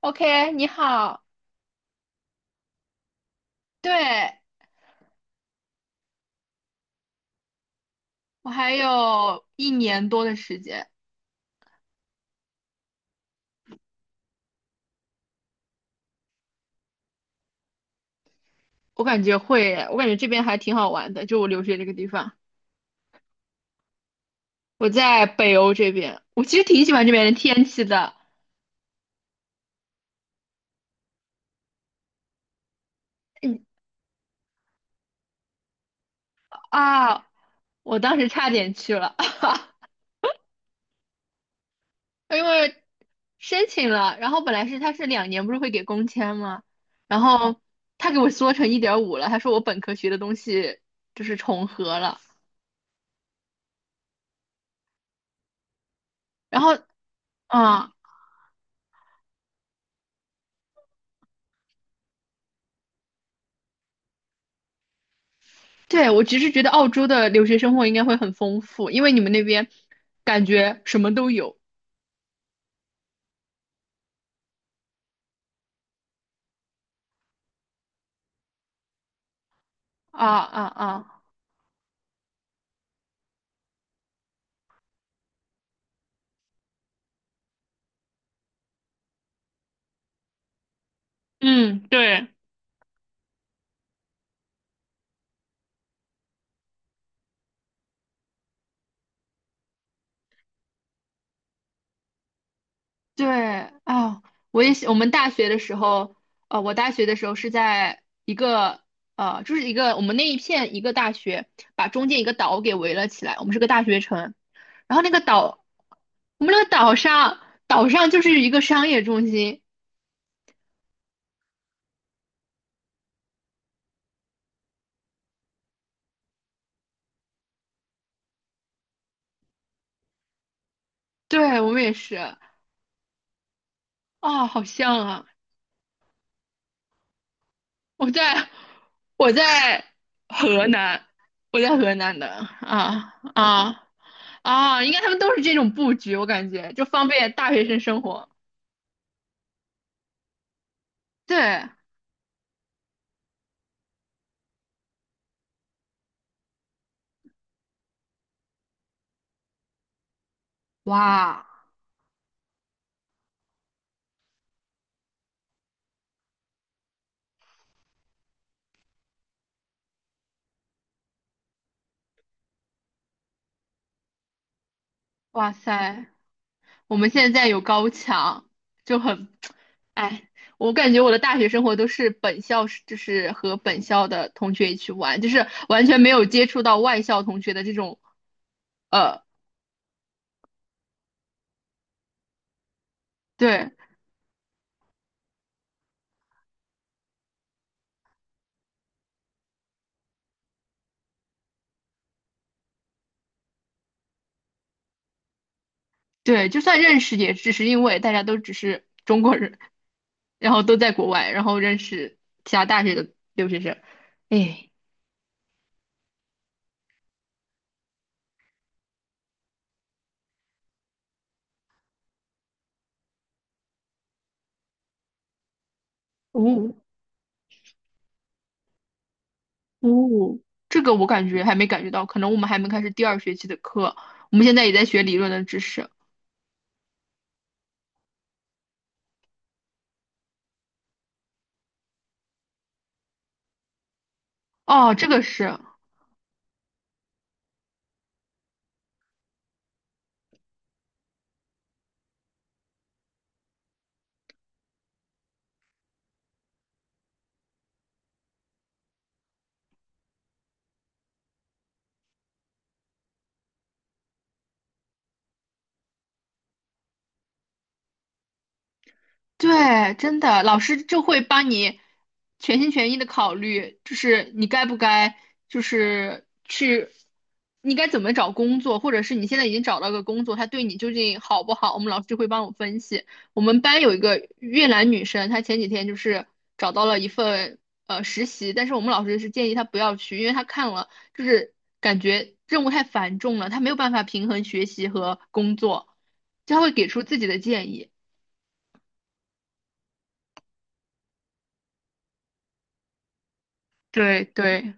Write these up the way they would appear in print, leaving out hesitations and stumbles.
OK，你好。对，我还有一年多的时间。我感觉会，我感觉这边还挺好玩的，就我留学这个地方。我在北欧这边，我其实挺喜欢这边的天气的。嗯。啊，我当时差点去了。因为申请了，然后本来是他是两年不是会给工签吗？然后他给我缩成一点五了，他说我本科学的东西就是重合了，然后。嗯，对。我其实觉得澳洲的留学生活应该会很丰富，因为你们那边感觉什么都有。啊啊啊！嗯，对。对啊，我也喜我们大学的时候，我大学的时候是在一个就是一个我们那一片一个大学，把中间一个岛给围了起来，我们是个大学城。然后那个岛，我们那个岛上岛上就是一个商业中心。对，我们也是。啊，好像啊。我在我在河南，我在河南的。啊啊啊！应该他们都是这种布局，我感觉就方便大学生生活。对。哇哇塞，我们现在有高墙，就很。哎，我感觉我的大学生活都是本校是，就是和本校的同学一起玩，就是完全没有接触到外校同学的这种。呃，对。对，就算认识，也只是因为大家都只是中国人，然后都在国外，然后认识其他大学的留学生。哎。哦哦，这个我感觉还没感觉到，可能我们还没开始第二学期的课，我们现在也在学理论的知识。哦，这个是。对，真的，老师就会帮你全心全意的考虑，就是你该不该，就是去，你该怎么找工作，或者是你现在已经找到个工作，他对你究竟好不好，我们老师就会帮我分析。我们班有一个越南女生，她前几天就是找到了一份实习，但是我们老师是建议她不要去，因为她看了就是感觉任务太繁重了，她没有办法平衡学习和工作，她会给出自己的建议。对对。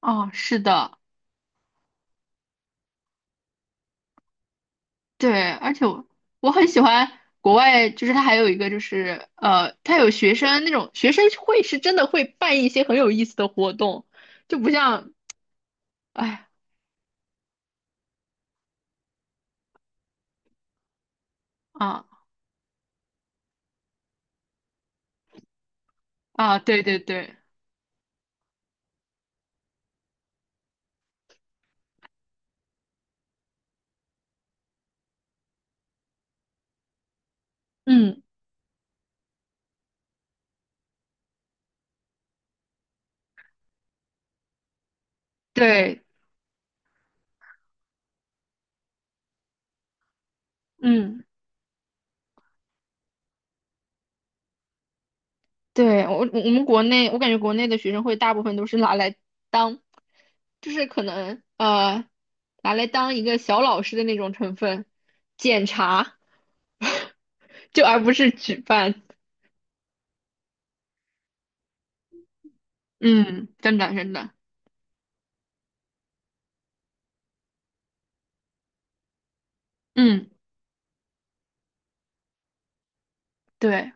哦，是的。对，而且我我很喜欢国外，就是它还有一个就是它有学生会是真的会办一些很有意思的活动，就不像。哎。啊啊，对对对。嗯，对。嗯，对，我们国内，我感觉国内的学生会大部分都是拿来当，就是可能拿来当一个小老师的那种成分，检查。就而不是举办。嗯，真的真的。嗯，对。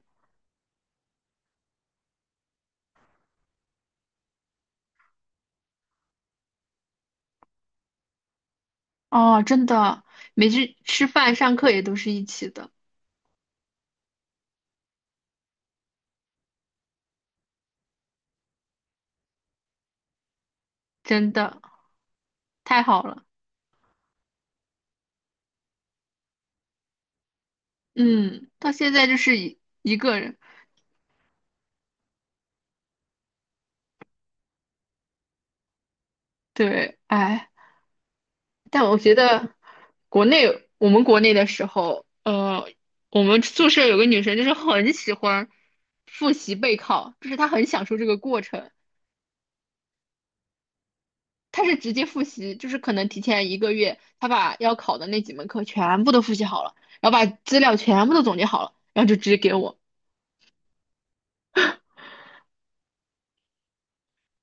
哦，真的。每次吃饭、上课也都是一起的。真的太好了。嗯，到现在就是一个人。对。哎，但我觉得我们国内的时候，我们宿舍有个女生就是很喜欢复习备考，就是她很享受这个过程。他是直接复习，就是可能提前一个月，他把要考的那几门课全部都复习好了，然后把资料全部都总结好了，然后就直接给我。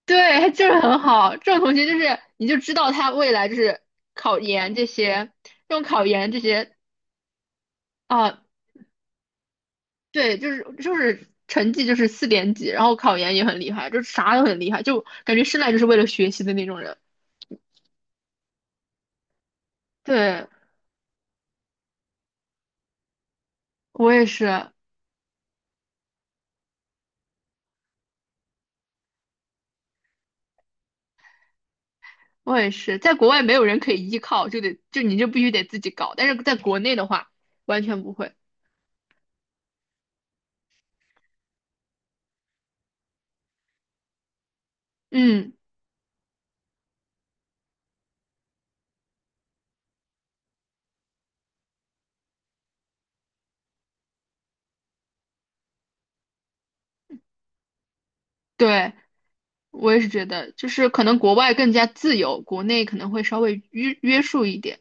对，他就是很好，这种同学就是你就知道他未来就是考研这些，这种考研这些。啊，对，就是成绩就是四点几，然后考研也很厉害，就是啥都很厉害，就感觉生来就是为了学习的那种人。对，我也是，我也是，在国外没有人可以依靠，就得就你就必须得自己搞。但是在国内的话，完全不会。嗯，对，我也是觉得，就是可能国外更加自由，国内可能会稍微约束一点，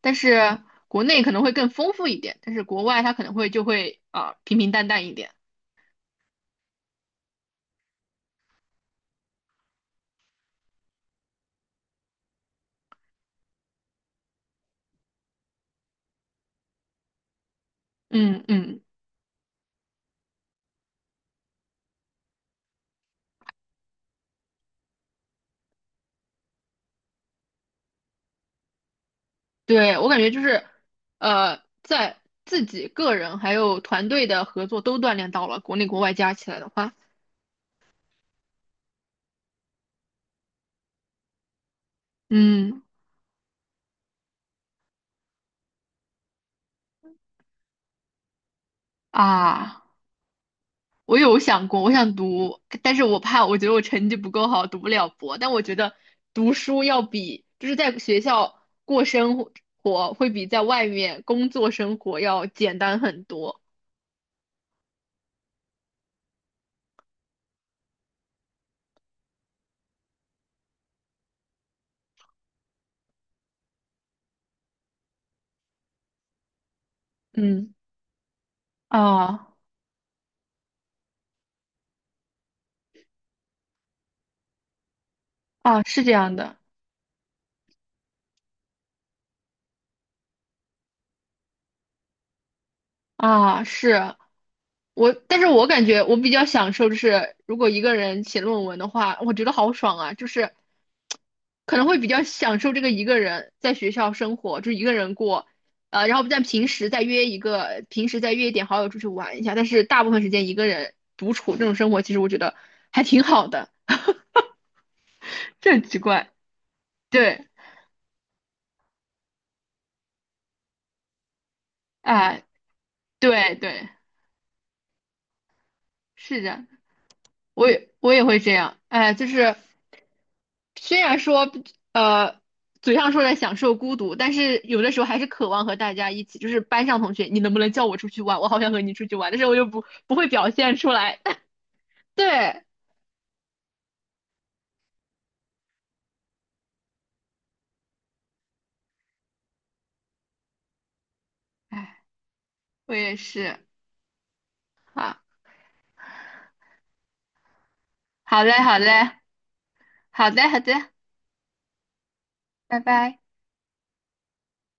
但是国内可能会更丰富一点，但是国外它可能会就会啊、平平淡淡一点。嗯嗯。对，我感觉就是，在自己个人还有团队的合作都锻炼到了，国内国外加起来的话。嗯。啊。我有想过，我想读，但是我怕，我觉得我成绩不够好，读不了博。但我觉得读书要比就是在学校过生活，会比在外面工作生活要简单很多。嗯。啊啊，是这样的。啊，但是我感觉我比较享受，就是如果一个人写论文的话，我觉得好爽啊，就是可能会比较享受这个一个人在学校生活，就一个人过，然后在平时再约一个，平时再约一点好友出去玩一下，但是大部分时间一个人独处这种生活，其实我觉得还挺好的。这很奇怪。对。啊、对对，是的。我也会这样。哎，就是虽然说呃嘴上说着享受孤独，但是有的时候还是渴望和大家一起，就是班上同学，你能不能叫我出去玩？我好想和你出去玩，但是我又不会表现出来。对。哎，我也是。好，好嘞，好嘞，好的，好的，拜拜。